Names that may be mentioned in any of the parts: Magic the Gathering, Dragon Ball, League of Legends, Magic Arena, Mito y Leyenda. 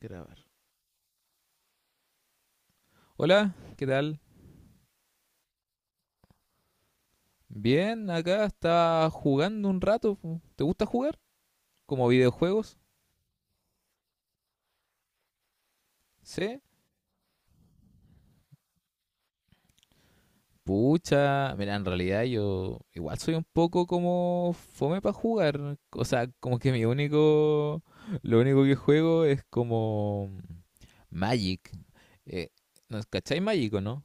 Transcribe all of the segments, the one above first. Grabar. Hola, ¿qué tal? Bien, acá está jugando un rato. ¿Te gusta jugar? ¿Como videojuegos? ¿Sí? Pucha, mira, en realidad yo igual soy un poco como fome para jugar. O sea, como que mi único, lo único que juego es como Magic. Eh, ¿no, ¿Cacháis Magic o no?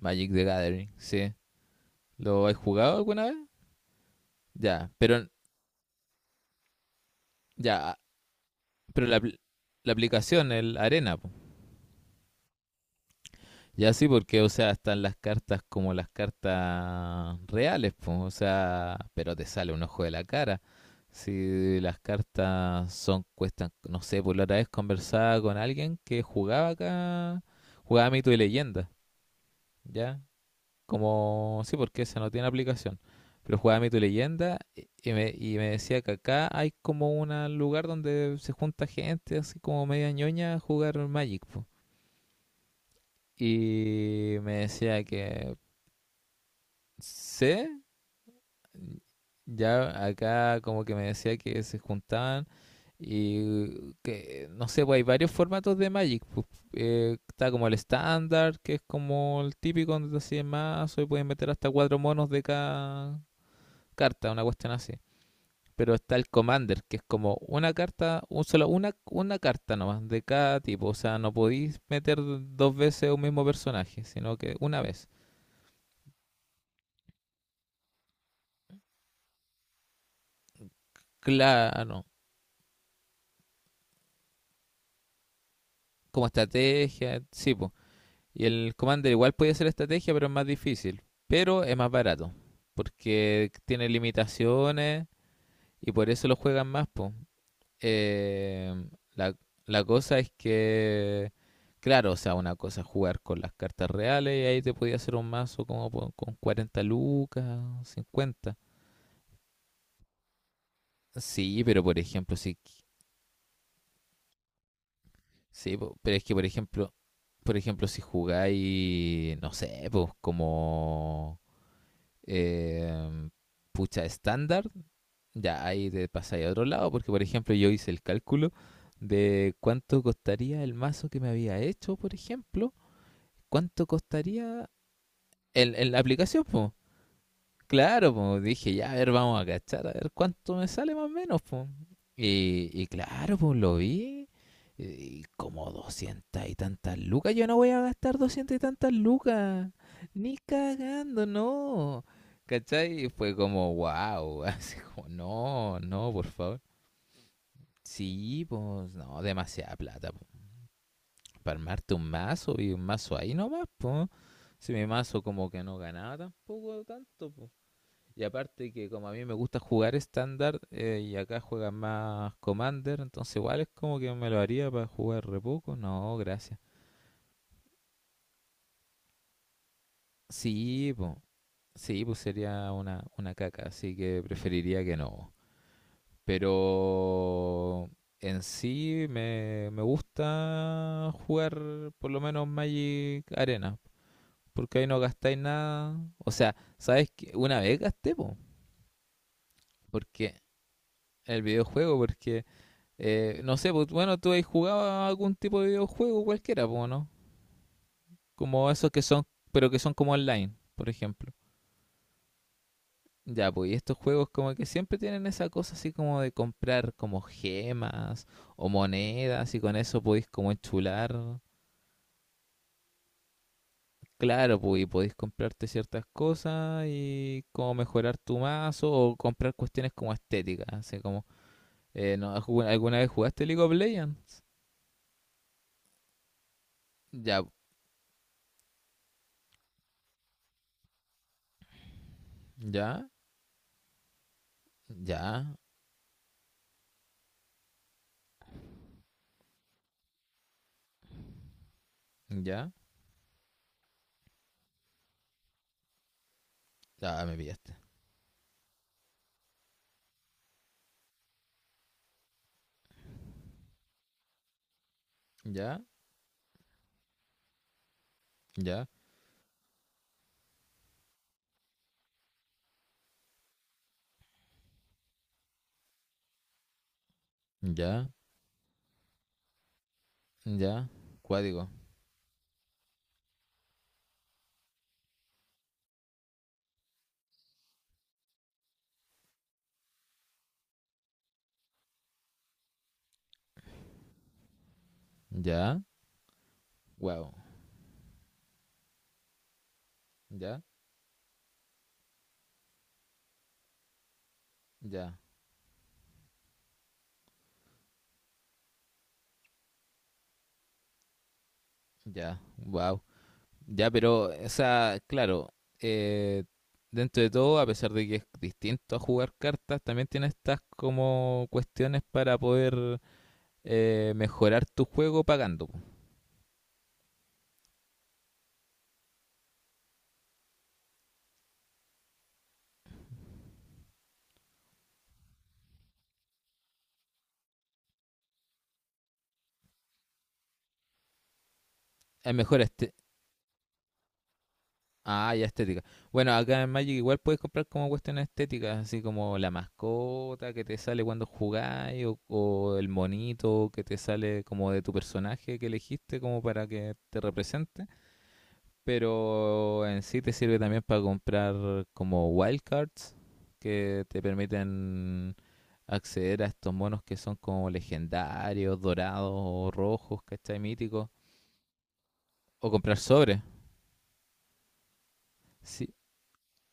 Magic the Gathering, sí. ¿Lo has jugado alguna vez? Ya, pero ya, pero la aplicación, el Arena, po. Ya sí, porque, o sea, están las cartas como las cartas reales, pues, o sea, pero te sale un ojo de la cara. Si las cartas son, cuestan, no sé, por la otra vez conversaba con alguien que jugaba acá, jugaba Mito y Leyenda, ¿ya? Como, sí, porque esa no tiene aplicación, pero jugaba Mito y Leyenda y me decía que acá hay como un lugar donde se junta gente así como media ñoña a jugar Magic, pues. Y me decía que sé, ya acá como que me decía que se juntaban y que, no sé, pues hay varios formatos de Magic, pues, está como el estándar, que es como el típico donde te hacen mazo y puedes meter hasta cuatro monos de cada carta, una cuestión así. Pero está el Commander, que es como una carta, un solo, una carta nomás de cada tipo. O sea, no podéis meter dos veces un mismo personaje, sino que una vez. Claro, como estrategia, sí, pues. Y el Commander igual puede ser estrategia, pero es más difícil. Pero es más barato, porque tiene limitaciones y por eso lo juegan más, po. Eh, la, la cosa es que, claro, o sea, una cosa es jugar con las cartas reales y ahí te podía hacer un mazo como con 40 lucas, 50. Sí, pero por ejemplo, sí, sí, po, pero es que por ejemplo, si jugáis, no sé, pues como eh, pucha estándar. Ya, ahí te pasáis a otro lado, porque por ejemplo yo hice el cálculo de cuánto costaría el mazo que me había hecho, por ejemplo, cuánto costaría la aplicación, pues. Claro, pues dije, ya, a ver, vamos a cachar, a ver cuánto me sale más o menos, pues. Y claro, pues lo vi, y como 200 y tantas lucas, yo no voy a gastar doscientas y tantas lucas, ni cagando, no. ¿Cachai? Y fue como, wow, así como, no, no, por favor. Sí, pues no, demasiada plata, po. Para armarte un mazo y un mazo ahí nomás, pues. Si mi mazo como que no ganaba tampoco tanto, pues. Y aparte que como a mí me gusta jugar estándar, y acá juegan más Commander, entonces igual es como que me lo haría para jugar re poco. No, gracias. Sí, pues. Sí, pues sería una, caca, así que preferiría que no. Pero en sí me gusta jugar por lo menos Magic Arena, porque ahí no gastáis nada. O sea, ¿sabes qué? Una vez gasté, po, porque el videojuego, porque, no sé, pues, bueno, tú has jugado a algún tipo de videojuego cualquiera, po, ¿no? Como esos que son, pero que son como online, por ejemplo. Ya, pues, y estos juegos como que siempre tienen esa cosa así como de comprar como gemas o monedas y con eso podéis como enchular. Claro, pues, y podéis comprarte ciertas cosas y como mejorar tu mazo o comprar cuestiones como estéticas, así como, ¿no? ¿Alguna vez jugaste League of Legends? Ya, ya, ya, ya, ya, ah, me pillaste. Ya, ya, ya, ya, cuádigo, ya, wow, ya, ya, ya, wow. Ya, pero, o sea, claro, eh, dentro de todo, a pesar de que es distinto a jugar cartas, también tiene estas como cuestiones para poder mejorar tu juego pagando, po. Es mejor este. Ah, ya estética. Bueno, acá en Magic igual puedes comprar como cuestiones estéticas, así como la mascota que te sale cuando jugáis, o el monito que te sale como de tu personaje que elegiste como para que te represente, pero en sí te sirve también para comprar como wildcards que te permiten acceder a estos monos que son como legendarios, dorados o rojos, ¿cachai? Míticos. O comprar sobres. Sí.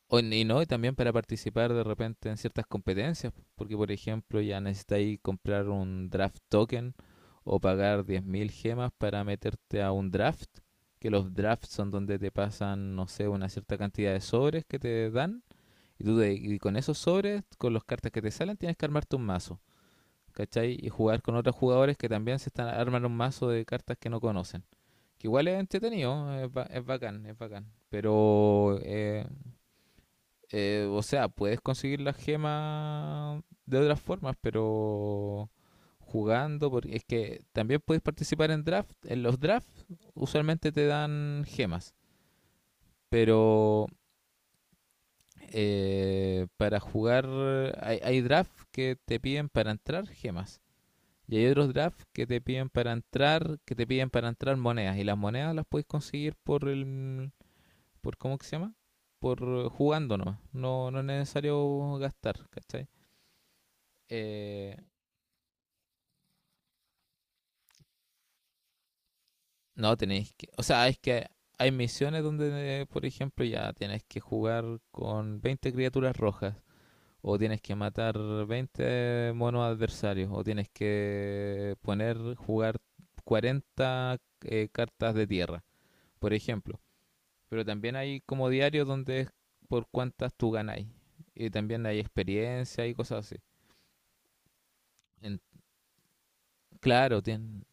O, y no, y también para participar de repente en ciertas competencias, porque por ejemplo ya necesitáis comprar un draft token o pagar 10.000 gemas para meterte a un draft, que los drafts son donde te pasan, no sé, una cierta cantidad de sobres que te dan. Y tú con esos sobres, con los cartas que te salen, tienes que armarte un mazo, ¿cachai? Y jugar con otros jugadores que también se están armando un mazo de cartas que no conocen. Que igual es entretenido, es bacán, es bacán. Pero, o sea, puedes conseguir las gemas de otras formas, pero jugando, porque es que también puedes participar en draft. En los drafts usualmente te dan gemas, pero para jugar, hay drafts que te piden para entrar gemas. Y hay otros drafts que te piden para entrar, que te piden para entrar monedas. Y las monedas las puedes conseguir por el, por ¿cómo que se llama? Por jugando nomás. No, no es necesario gastar, ¿cachai? Eh, no tenéis que, o sea, es que hay misiones donde, por ejemplo, ya tienes que jugar con 20 criaturas rojas o tienes que matar 20 monos adversarios, o tienes que poner, jugar 40 cartas de tierra, por ejemplo. Pero también hay como diarios donde es por cuántas tú ganáis. Y también hay experiencia y cosas así. En- claro, tien-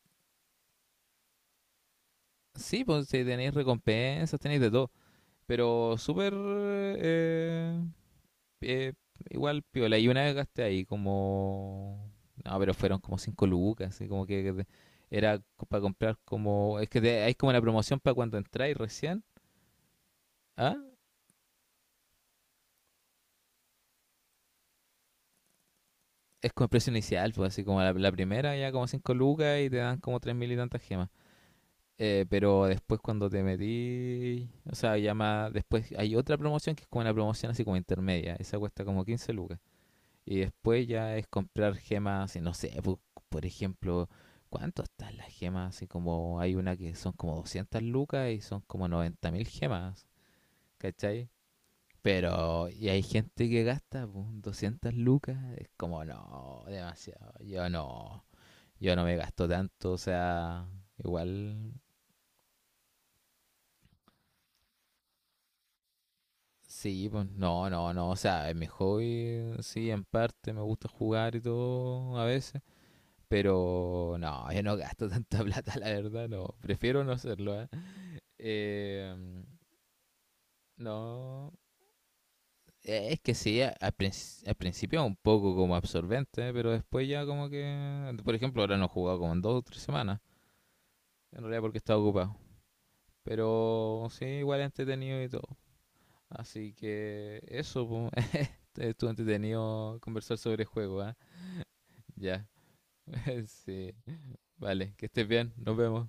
sí, pues si tenéis recompensas, tenéis de todo. Pero súper eh, igual piola. Y una vez gasté ahí como... No, pero fueron como 5 lucas, así como que era para comprar como... Es que hay como una promoción para cuando entráis recién. ¿Ah? Es como el precio inicial, pues así como la, primera ya como 5 lucas y te dan como 3 mil y tantas gemas. Pero después cuando te metí... O sea, ya más... Después hay otra promoción que es como una promoción así como intermedia. Esa cuesta como 15 lucas. Y después ya es comprar gemas, y no sé, por ejemplo, ¿cuánto están las gemas? Así como hay una que son como 200 lucas y son como 90.000 gemas, ¿cachai? Pero, y hay gente que gasta pu, 200 lucas, es como, no, demasiado, yo no me gasto tanto, o sea, igual, sí, pues, no, no, no, o sea, es mi hobby, sí, en parte, me gusta jugar y todo a veces. Pero no, yo no gasto tanta plata, la verdad, no. Prefiero no hacerlo, ¿eh? Eh, no. Es que sí, al principio un poco como absorbente, pero después ya como que... Por ejemplo, ahora no he jugado como en 2 o 3 semanas, en realidad porque estaba ocupado. Pero sí, igual entretenido y todo. Así que eso, po, estuvo entretenido conversar sobre el juego, ¿ah? Ya, sí. Vale, que estés bien, nos vemos.